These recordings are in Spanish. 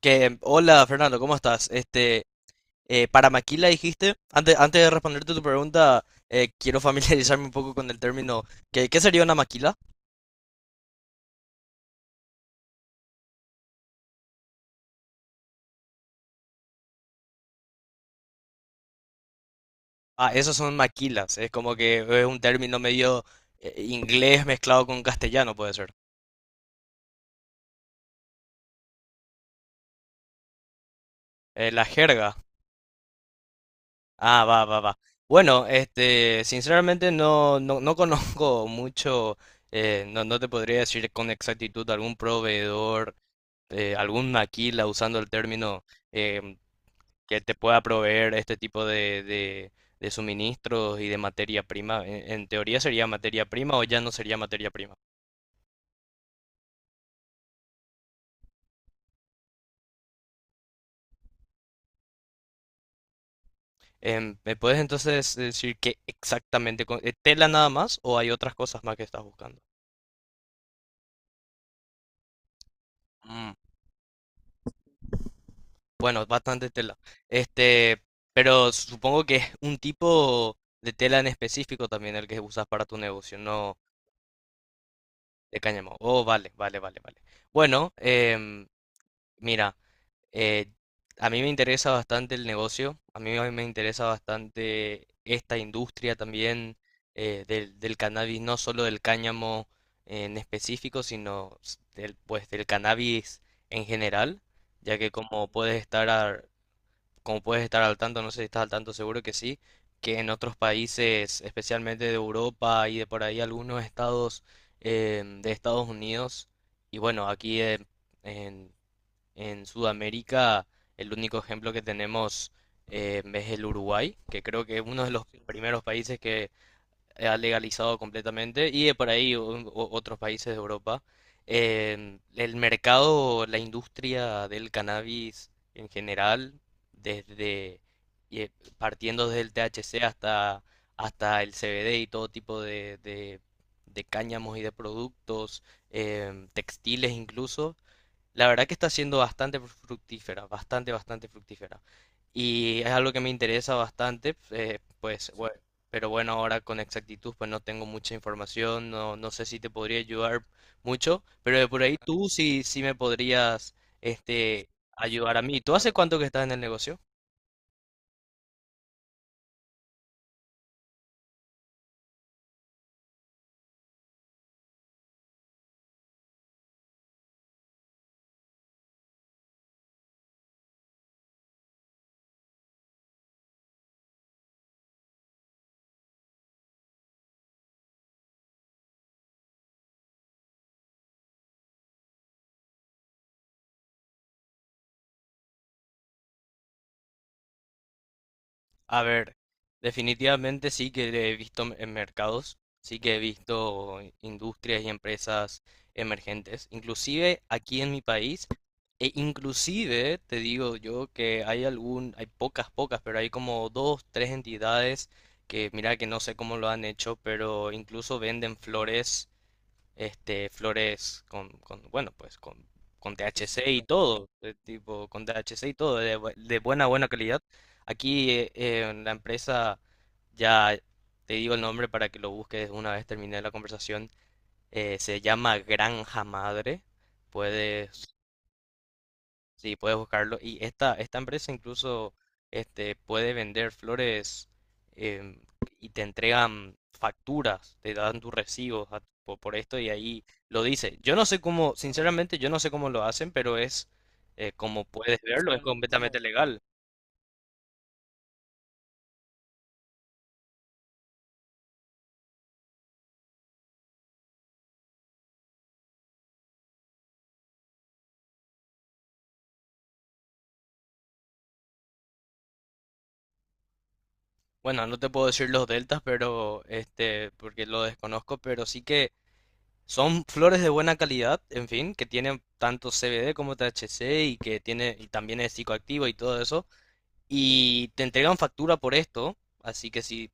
Hola Fernando, ¿cómo estás? Para maquila dijiste, antes de responderte tu pregunta, quiero familiarizarme un poco con el término. ¿Qué sería una maquila? Ah, esos son maquilas, es como que es un término medio inglés mezclado con castellano, puede ser. La jerga. Ah, va, va, va. Bueno, sinceramente no conozco mucho, no te podría decir con exactitud algún proveedor, algún maquila usando el término. eh, que te pueda proveer este tipo de, de suministros y de materia prima. En teoría sería materia prima o ya no sería materia prima. ¿Me puedes entonces decir qué exactamente, tela nada más o hay otras cosas más que estás buscando? Mm, bueno, bastante tela. Este, pero supongo que es un tipo de tela en específico también el que usas para tu negocio, no de cáñamo. Oh, vale, vale, vale, vale. Bueno, mira, Eh, a mí me interesa bastante el negocio, a mí me interesa bastante esta industria también del cannabis, no solo del cáñamo en específico, sino del cannabis en general, ya que como puedes estar al tanto, no sé si estás al tanto, seguro que sí, que en otros países, especialmente de Europa y de por ahí algunos estados de Estados Unidos, y bueno, aquí en Sudamérica, el único ejemplo que tenemos es el Uruguay, que creo que es uno de los primeros países que ha legalizado completamente, y de por ahí otros países de Europa. El mercado, la industria del cannabis en general, desde y, eh, partiendo desde el THC hasta, hasta el CBD y todo tipo de, de cáñamos y de productos, textiles, incluso la verdad que está siendo bastante fructífera, bastante, bastante fructífera. Y es algo que me interesa bastante, pues, bueno, pero bueno, ahora con exactitud, pues no tengo mucha información, no sé si te podría ayudar mucho, pero de por ahí tú sí, sí me podrías, este, ayudar a mí. ¿Tú hace cuánto que estás en el negocio? A ver, definitivamente sí que he visto en mercados, sí que he visto industrias y empresas emergentes, inclusive aquí en mi país, e inclusive te digo yo que hay algún, hay pocas, pocas, pero hay como dos, tres entidades que mira que no sé cómo lo han hecho, pero incluso venden flores flores con, bueno, pues con THC y todo, tipo, con THC y todo, de, de buena, buena calidad. Aquí en la empresa, ya te digo el nombre para que lo busques una vez terminé la conversación, se llama Granja Madre, puedes. Sí, puedes buscarlo. Y esta empresa incluso puede vender flores em, y te entregan facturas, te dan tus recibos por esto y ahí lo dice. Yo no sé cómo, sinceramente, yo no sé cómo lo hacen, pero es, como puedes verlo, es completamente legal. Bueno, no te puedo decir los deltas, pero porque lo desconozco, pero sí que son flores de buena calidad, en fin, que tienen tanto CBD como THC y que tiene, y también es psicoactivo y todo eso. Y te entregan factura por esto, así que si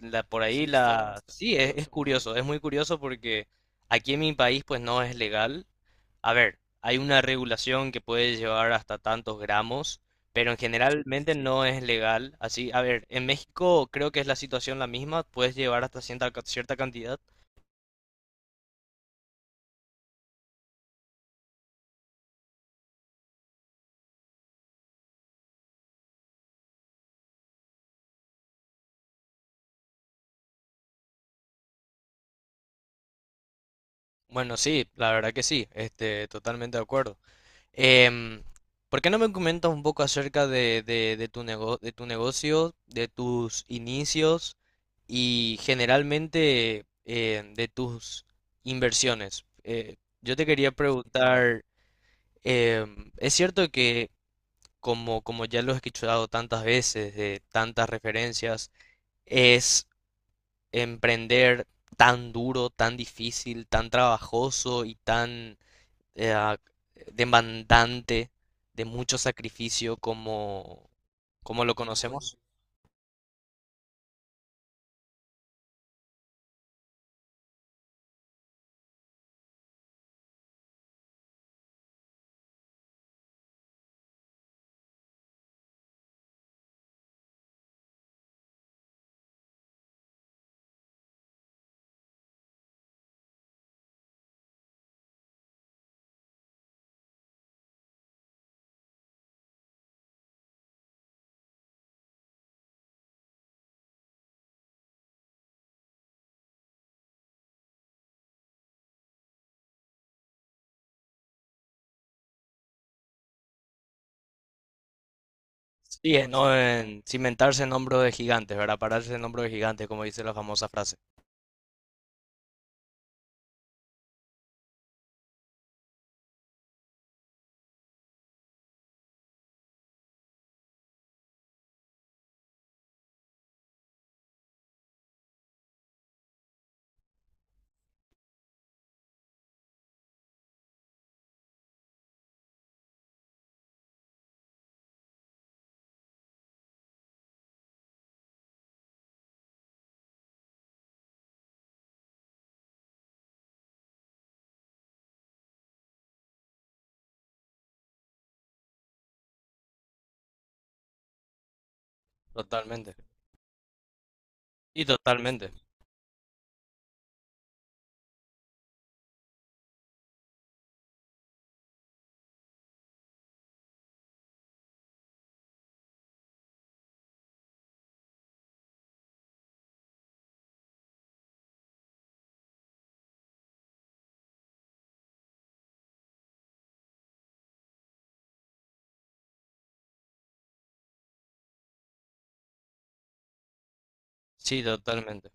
la, por ahí sí, está, la... está sí, es curioso. Curioso, es muy curioso porque aquí en mi país pues no es legal. A ver, hay una regulación que puede llevar hasta tantos gramos, pero en generalmente no es legal. Así, a ver, en México creo que es la situación la misma, puedes llevar hasta cierta, cierta cantidad. Bueno, sí, la verdad que sí, totalmente de acuerdo. Em, ¿Por qué no me comentas un poco acerca de, de tu de tu negocio, de tus inicios y generalmente de tus inversiones? Yo te quería preguntar, es cierto que como, como ya lo he escuchado tantas veces, de tantas referencias, es emprender tan duro, tan difícil, tan trabajoso y tan eh, demandante, de mucho sacrificio, como, como lo conocemos. Sí, no en cimentarse en hombros de gigantes, ¿verdad? Pararse en hombros de gigantes, como dice la famosa frase. Totalmente. Y totalmente. Sí, totalmente.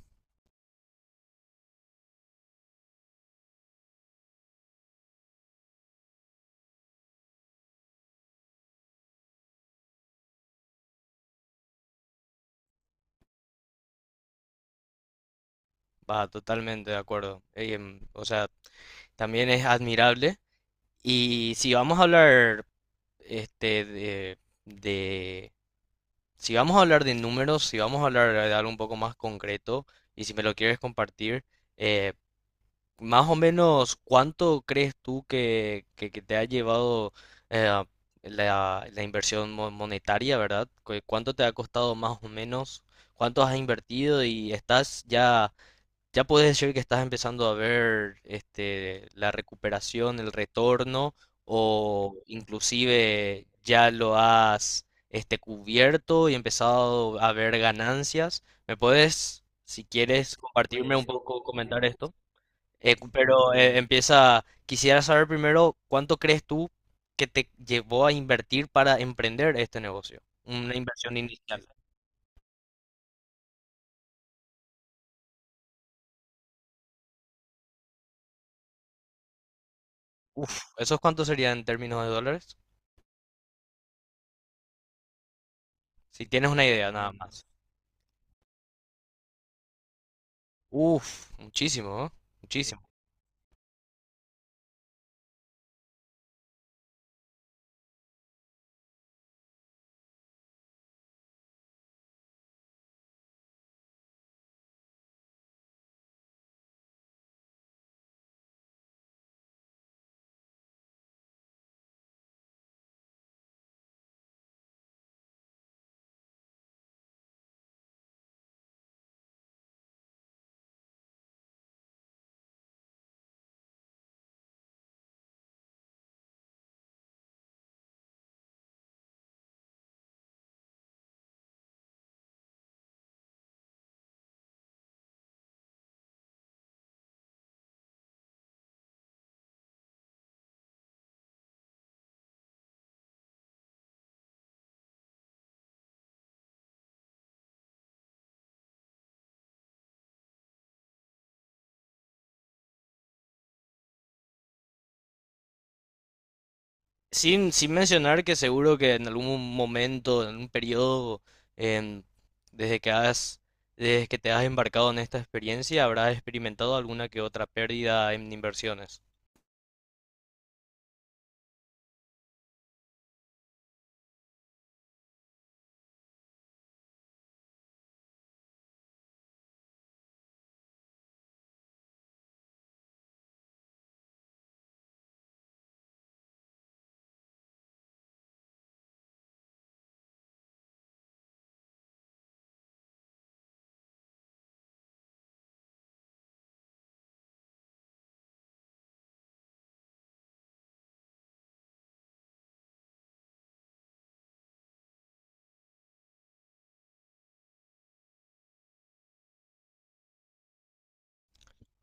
Va, totalmente de acuerdo. Ey, o sea, también es admirable. Y si vamos a hablar, de, de- si vamos a hablar de números, si vamos a hablar de algo un poco más concreto, y si me lo quieres compartir, eh, más o menos, ¿cuánto crees tú que, que te ha llevado eh, la, la inversión monetaria, ¿verdad? ¿Cuánto te ha costado más o menos? ¿Cuánto has invertido? Y estás ya, ya puedes decir que estás empezando a ver la recuperación, el retorno, o inclusive ya lo has cubierto y empezado a ver ganancias. ¿Me puedes, si quieres, compartirme un poco, comentar esto? Pero empieza, quisiera saber primero cuánto crees tú que te llevó a invertir para emprender este negocio, una inversión inicial. Uf, ¿esos cuántos serían en términos de dólares? Si tienes una idea nada más. Uf, muchísimo, ¿eh? Muchísimo. Sin mencionar que seguro que en algún momento, en un periodo, em, desde que has, desde que te has embarcado en esta experiencia, habrás experimentado alguna que otra pérdida en inversiones.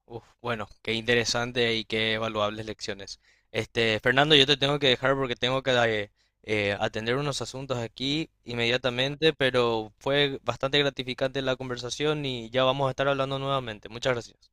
Uf, bueno, qué interesante y qué valuables lecciones. Este, Fernando, yo te tengo que dejar porque tengo que atender unos asuntos aquí inmediatamente, pero fue bastante gratificante la conversación y ya vamos a estar hablando nuevamente. Muchas gracias.